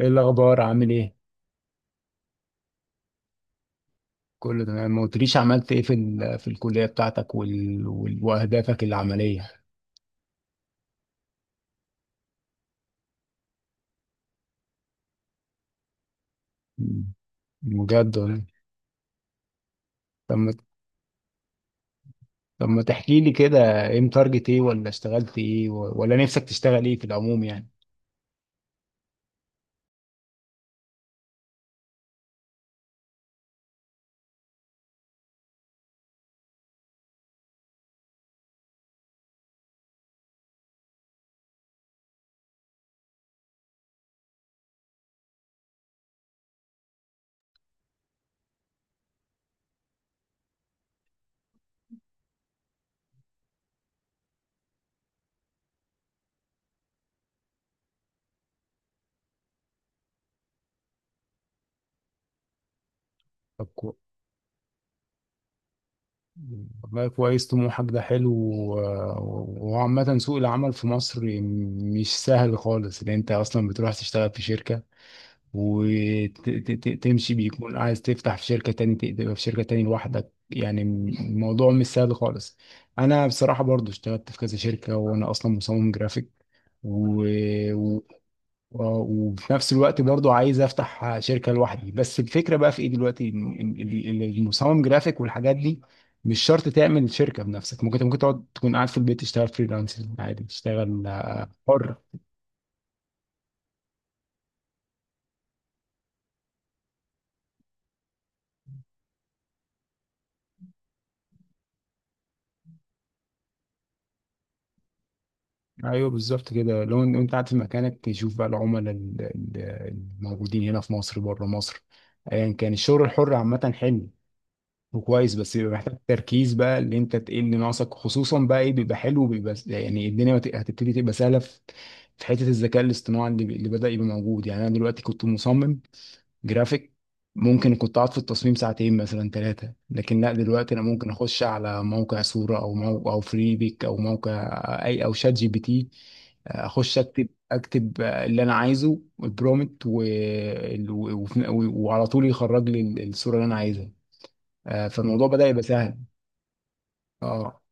ايه الاخبار؟ عامل ايه؟ كله تمام. ما قلتليش عملت ايه في في الكليه بتاعتك واهدافك العمليه. مم. بجد والله. طب ما طب ما تحكي لي كده، ايه متارجت، ايه ولا اشتغلت ايه ولا نفسك تشتغل ايه في العموم يعني؟ طب كو... والله كويس، طموحك ده حلو، وعامة سوق العمل في مصر مش سهل خالص، لأن أنت أصلا بتروح تشتغل في شركة وتمشي، بيكون عايز تفتح في شركة تاني، تبقى في شركة تاني لوحدك، يعني الموضوع مش سهل خالص. انا بصراحة برضو اشتغلت في كذا شركة، وانا اصلا مصمم جرافيك، و... و... وفي نفس الوقت برضو عايز افتح شركة لوحدي. بس الفكرة بقى في ايه دلوقتي، إن المصمم جرافيك والحاجات دي مش شرط تعمل شركة بنفسك. ممكن تقعد، تكون قاعد في البيت، تشتغل فريلانسر عادي، تشتغل حر. ايوه بالظبط كده، لو انت قاعد في مكانك، تشوف بقى العملاء الموجودين هنا في مصر، بره مصر، ايا كان. الشغل الحر عامه حلو وكويس، بس بيبقى محتاج تركيز بقى، اللي انت تقل اللي ناقصك، خصوصا بقى، ايه، بيبقى حلو، بيبقى يعني الدنيا هتبتدي تبقى سهله في في حته الذكاء الاصطناعي اللي بدأ يبقى موجود. يعني انا دلوقتي كنت مصمم جرافيك، ممكن كنت اقعد في التصميم ساعتين مثلا ثلاثه، لكن لا، دلوقتي انا ممكن اخش على موقع صوره، او موقع، او فريبيك، او موقع اي، او شات جي بي تي، اخش اكتب اللي انا عايزه البرومت، وعلى طول يخرج لي الصوره اللي انا عايزها. آه، فالموضوع بدأ يبقى سهل. اه،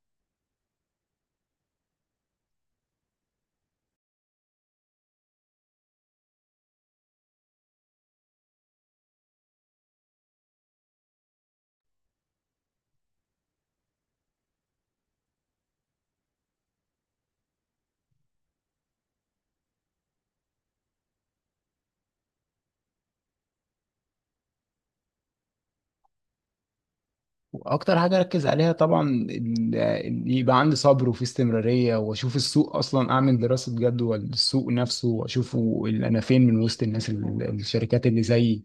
واكتر حاجه اركز عليها طبعا يبقى عندي صبر، وفي استمراريه، واشوف السوق، اصلا اعمل دراسه جدوى السوق نفسه، واشوفه، انا فين من وسط الناس، الشركات اللي زيي.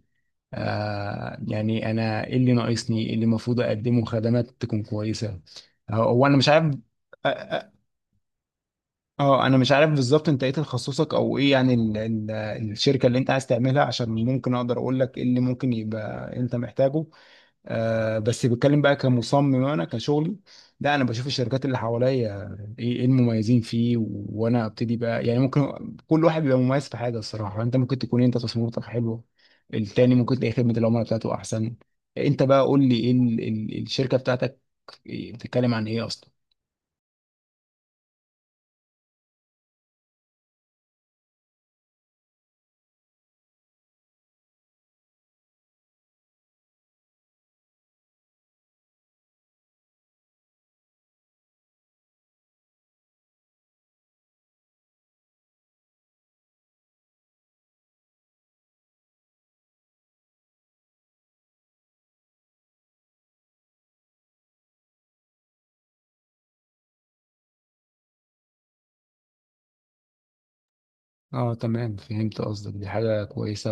آه، يعني انا ايه اللي ناقصني، ايه اللي المفروض اقدمه خدمات تكون كويسه. آه، هو انا مش عارف. اه، آه، آه، انا مش عارف بالظبط انت ايه تخصصك، او ايه يعني ال الشركه اللي انت عايز تعملها، عشان ممكن اقدر اقول لك ايه اللي ممكن يبقى انت محتاجه. آه، بس بتكلم بقى كمصمم انا كشغلي. لا، انا بشوف الشركات اللي حواليا، ايه، إيه المميزين فيه، وانا ابتدي بقى يعني. ممكن كل واحد بيبقى مميز في حاجه، الصراحه انت ممكن تكون انت تصميماتك حلوه، التاني ممكن تلاقي خدمه العملاء بتاعته احسن. انت بقى قول لي ايه الشركه بتاعتك، إيه، بتتكلم عن ايه اصلا؟ اه تمام، فهمت قصدك، دي حاجه كويسه.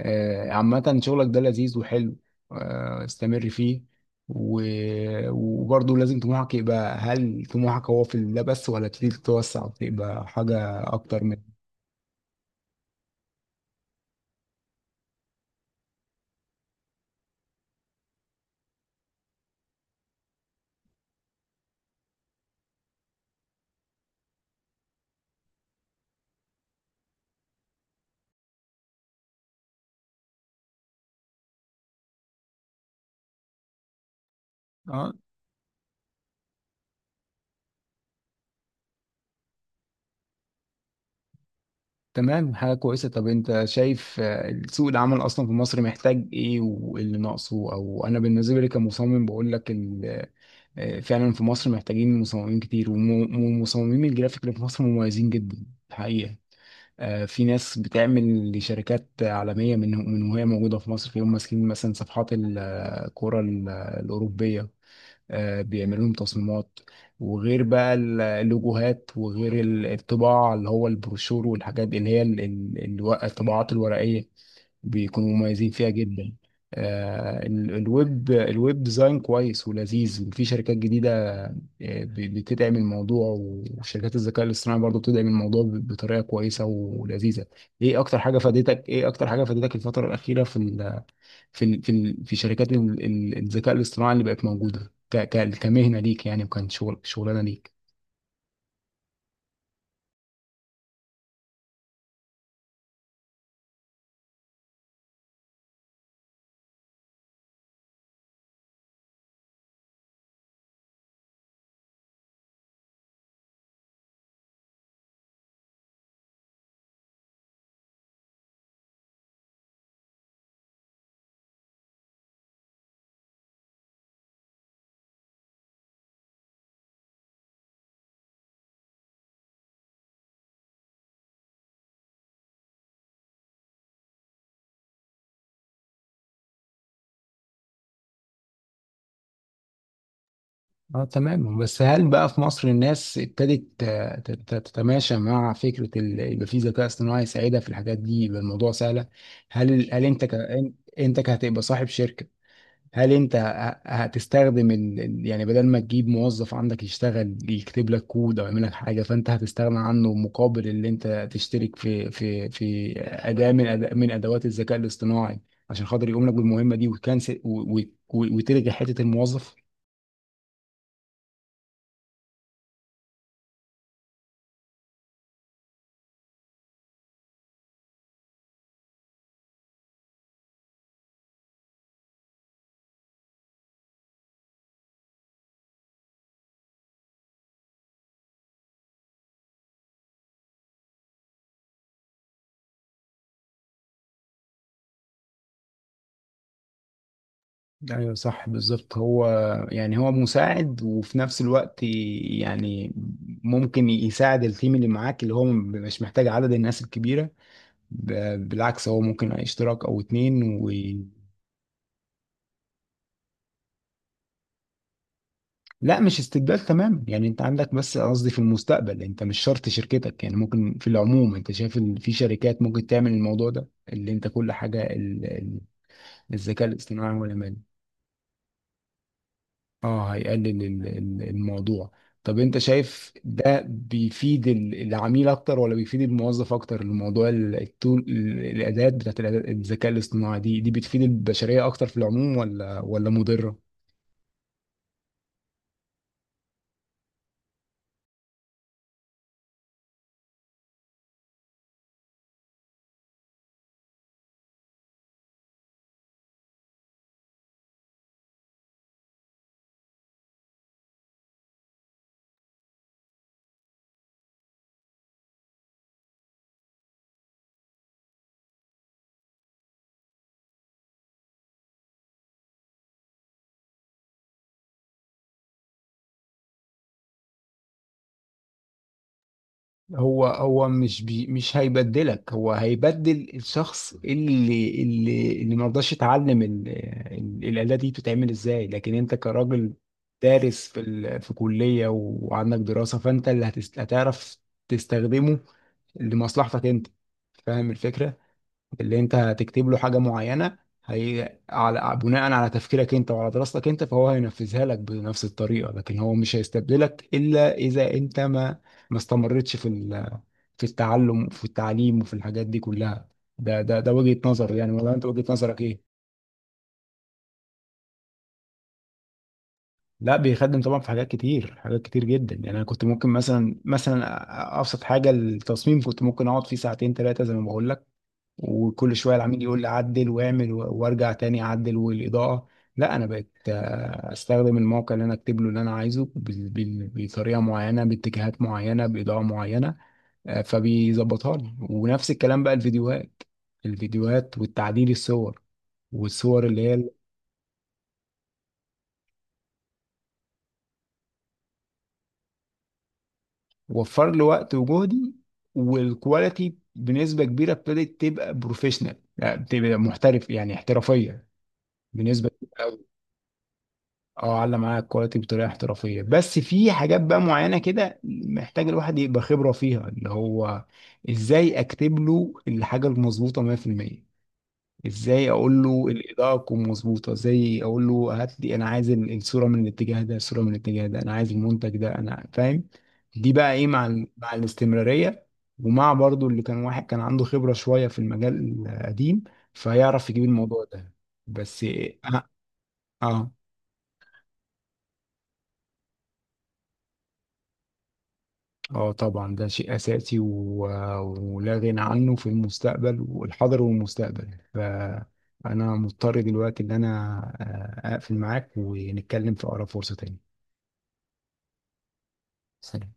آه، عامة شغلك ده لذيذ وحلو. آه، استمر فيه. و... وبرضه لازم طموحك يبقى، هل طموحك هو في ده بس، ولا تريد تتوسع وتبقى حاجة أكتر من؟ اه تمام، حاجة كويسة. طب أنت شايف آه، سوق العمل أصلا في مصر محتاج إيه واللي ناقصه؟ أو أنا بالنسبة لي كمصمم بقول لك آه، فعلا في مصر محتاجين مصممين كتير، ومصممين الجرافيك اللي في مصر مميزين جدا الحقيقة. آه، في ناس بتعمل لشركات عالمية من وهي موجودة في مصر، فيهم ماسكين مثلا صفحات الكرة الأوروبية. آه، بيعملوا لهم تصميمات، وغير بقى اللوجوهات، وغير الطباعة اللي هو البروشور، والحاجات اللي هي الطباعات الورقية، بيكونوا مميزين فيها جدا. آه، الويب ديزاين كويس ولذيذ، وفي شركات جديدة آه، بتدعم الموضوع، وشركات الذكاء الاصطناعي برضه بتدعم الموضوع بطريقة كويسة ولذيذة. ايه اكتر حاجة فادتك الفترة الأخيرة في في شركات الذكاء الاصطناعي اللي بقت موجودة كمهنة ليك يعني، وكان شغلانة ليك؟ اه تمام. بس هل بقى في مصر الناس ابتدت آه، تتماشى مع فكرة يبقى في ذكاء اصطناعي يساعدها في الحاجات دي، يبقى الموضوع سهلة؟ هل انت انت كهتبقى صاحب شركة، هل انت هتستخدم يعني بدل ما تجيب موظف عندك يشتغل يكتب لك كود، او يعمل لك حاجه، فانت هتستغنى عنه مقابل اللي انت تشترك في اداه من أداء من ادوات الذكاء الاصطناعي، عشان خاطر يقوم لك بالمهمه دي، وتكنسل، وتلغي حته الموظف؟ ايوه صح بالظبط. هو يعني هو مساعد، وفي نفس الوقت يعني ممكن يساعد التيم اللي معاك، اللي هو مش محتاج عدد الناس الكبيره، بالعكس، هو ممكن اشتراك او اتنين. لا، مش استبدال تماما يعني، انت عندك، بس قصدي في المستقبل انت، مش شرط شركتك، يعني ممكن في العموم انت شايف ان في شركات ممكن تعمل الموضوع ده، اللي انت كل حاجه الذكاء الاصطناعي، ولا مال؟ اه، هيقلل الموضوع. طب انت شايف ده بيفيد العميل اكتر، ولا بيفيد الموظف اكتر؟ الموضوع ال- التول ال- الاداه بتاعت الأداة- الذكاء الاصطناعي، دي بتفيد البشريه اكتر في العموم، ولا مضره؟ هو مش هيبدلك، هو هيبدل الشخص اللي ما رضاش يتعلم الآلة دي بتتعمل ازاي. لكن انت كراجل دارس في في كلية، وعندك دراسة، فانت اللي هتعرف تستخدمه لمصلحتك انت. فاهم الفكرة؟ اللي انت هتكتب له حاجه معينه، هي على بناء على تفكيرك انت، وعلى دراستك انت، فهو هينفذها لك بنفس الطريقه، لكن هو مش هيستبدلك الا اذا انت ما استمرتش في في التعلم، وفي التعليم، وفي الحاجات دي كلها. ده وجهه نظري يعني، ولا انت وجهه نظرك ايه؟ لا، بيخدم طبعا في حاجات كتير، حاجات كتير جدا يعني. انا كنت ممكن مثلا ابسط حاجه التصميم، كنت ممكن اقعد فيه ساعتين ثلاثه، زي ما بقول لك، وكل شويه العميل يقول لي عدل، واعمل وارجع تاني اعدل، والاضاءه. لا، انا بقيت آه، استخدم الموقع، اللي انا اكتب له اللي انا عايزه بطريقه معينه، باتجاهات معينه، باضاءه معينه. آه، فبيظبطها لي. ونفس الكلام بقى الفيديوهات، والتعديل، الصور، اللي هي وفر لي وقت وجهدي. والكواليتي بنسبه كبيره ابتدت تبقى بروفيشنال، يعني بتبقى محترف، يعني احترافيه بنسبه. اه، علّى معاك الكواليتي بطريقه احترافيه. بس في حاجات بقى معينه كده محتاج الواحد يبقى خبره فيها، اللي هو ازاي اكتب له الحاجه المظبوطه 100%، ازاي اقول له الاضاءه تكون مظبوطه، ازاي اقول له هات لي، انا عايز الصوره من الاتجاه ده، انا عايز المنتج ده، انا فاهم. دي بقى ايه، مع مع الاستمراريه، ومع برضو اللي كان، واحد كان عنده خبره شويه في المجال القديم، فيعرف يجيب الموضوع ده. بس اه، آه. اه طبعا ده شيء اساسي ولا غنى عنه في المستقبل، والحاضر والمستقبل. فانا مضطر دلوقتي ان انا آه، اقفل معاك ونتكلم في اقرب فرصة تاني. سلام.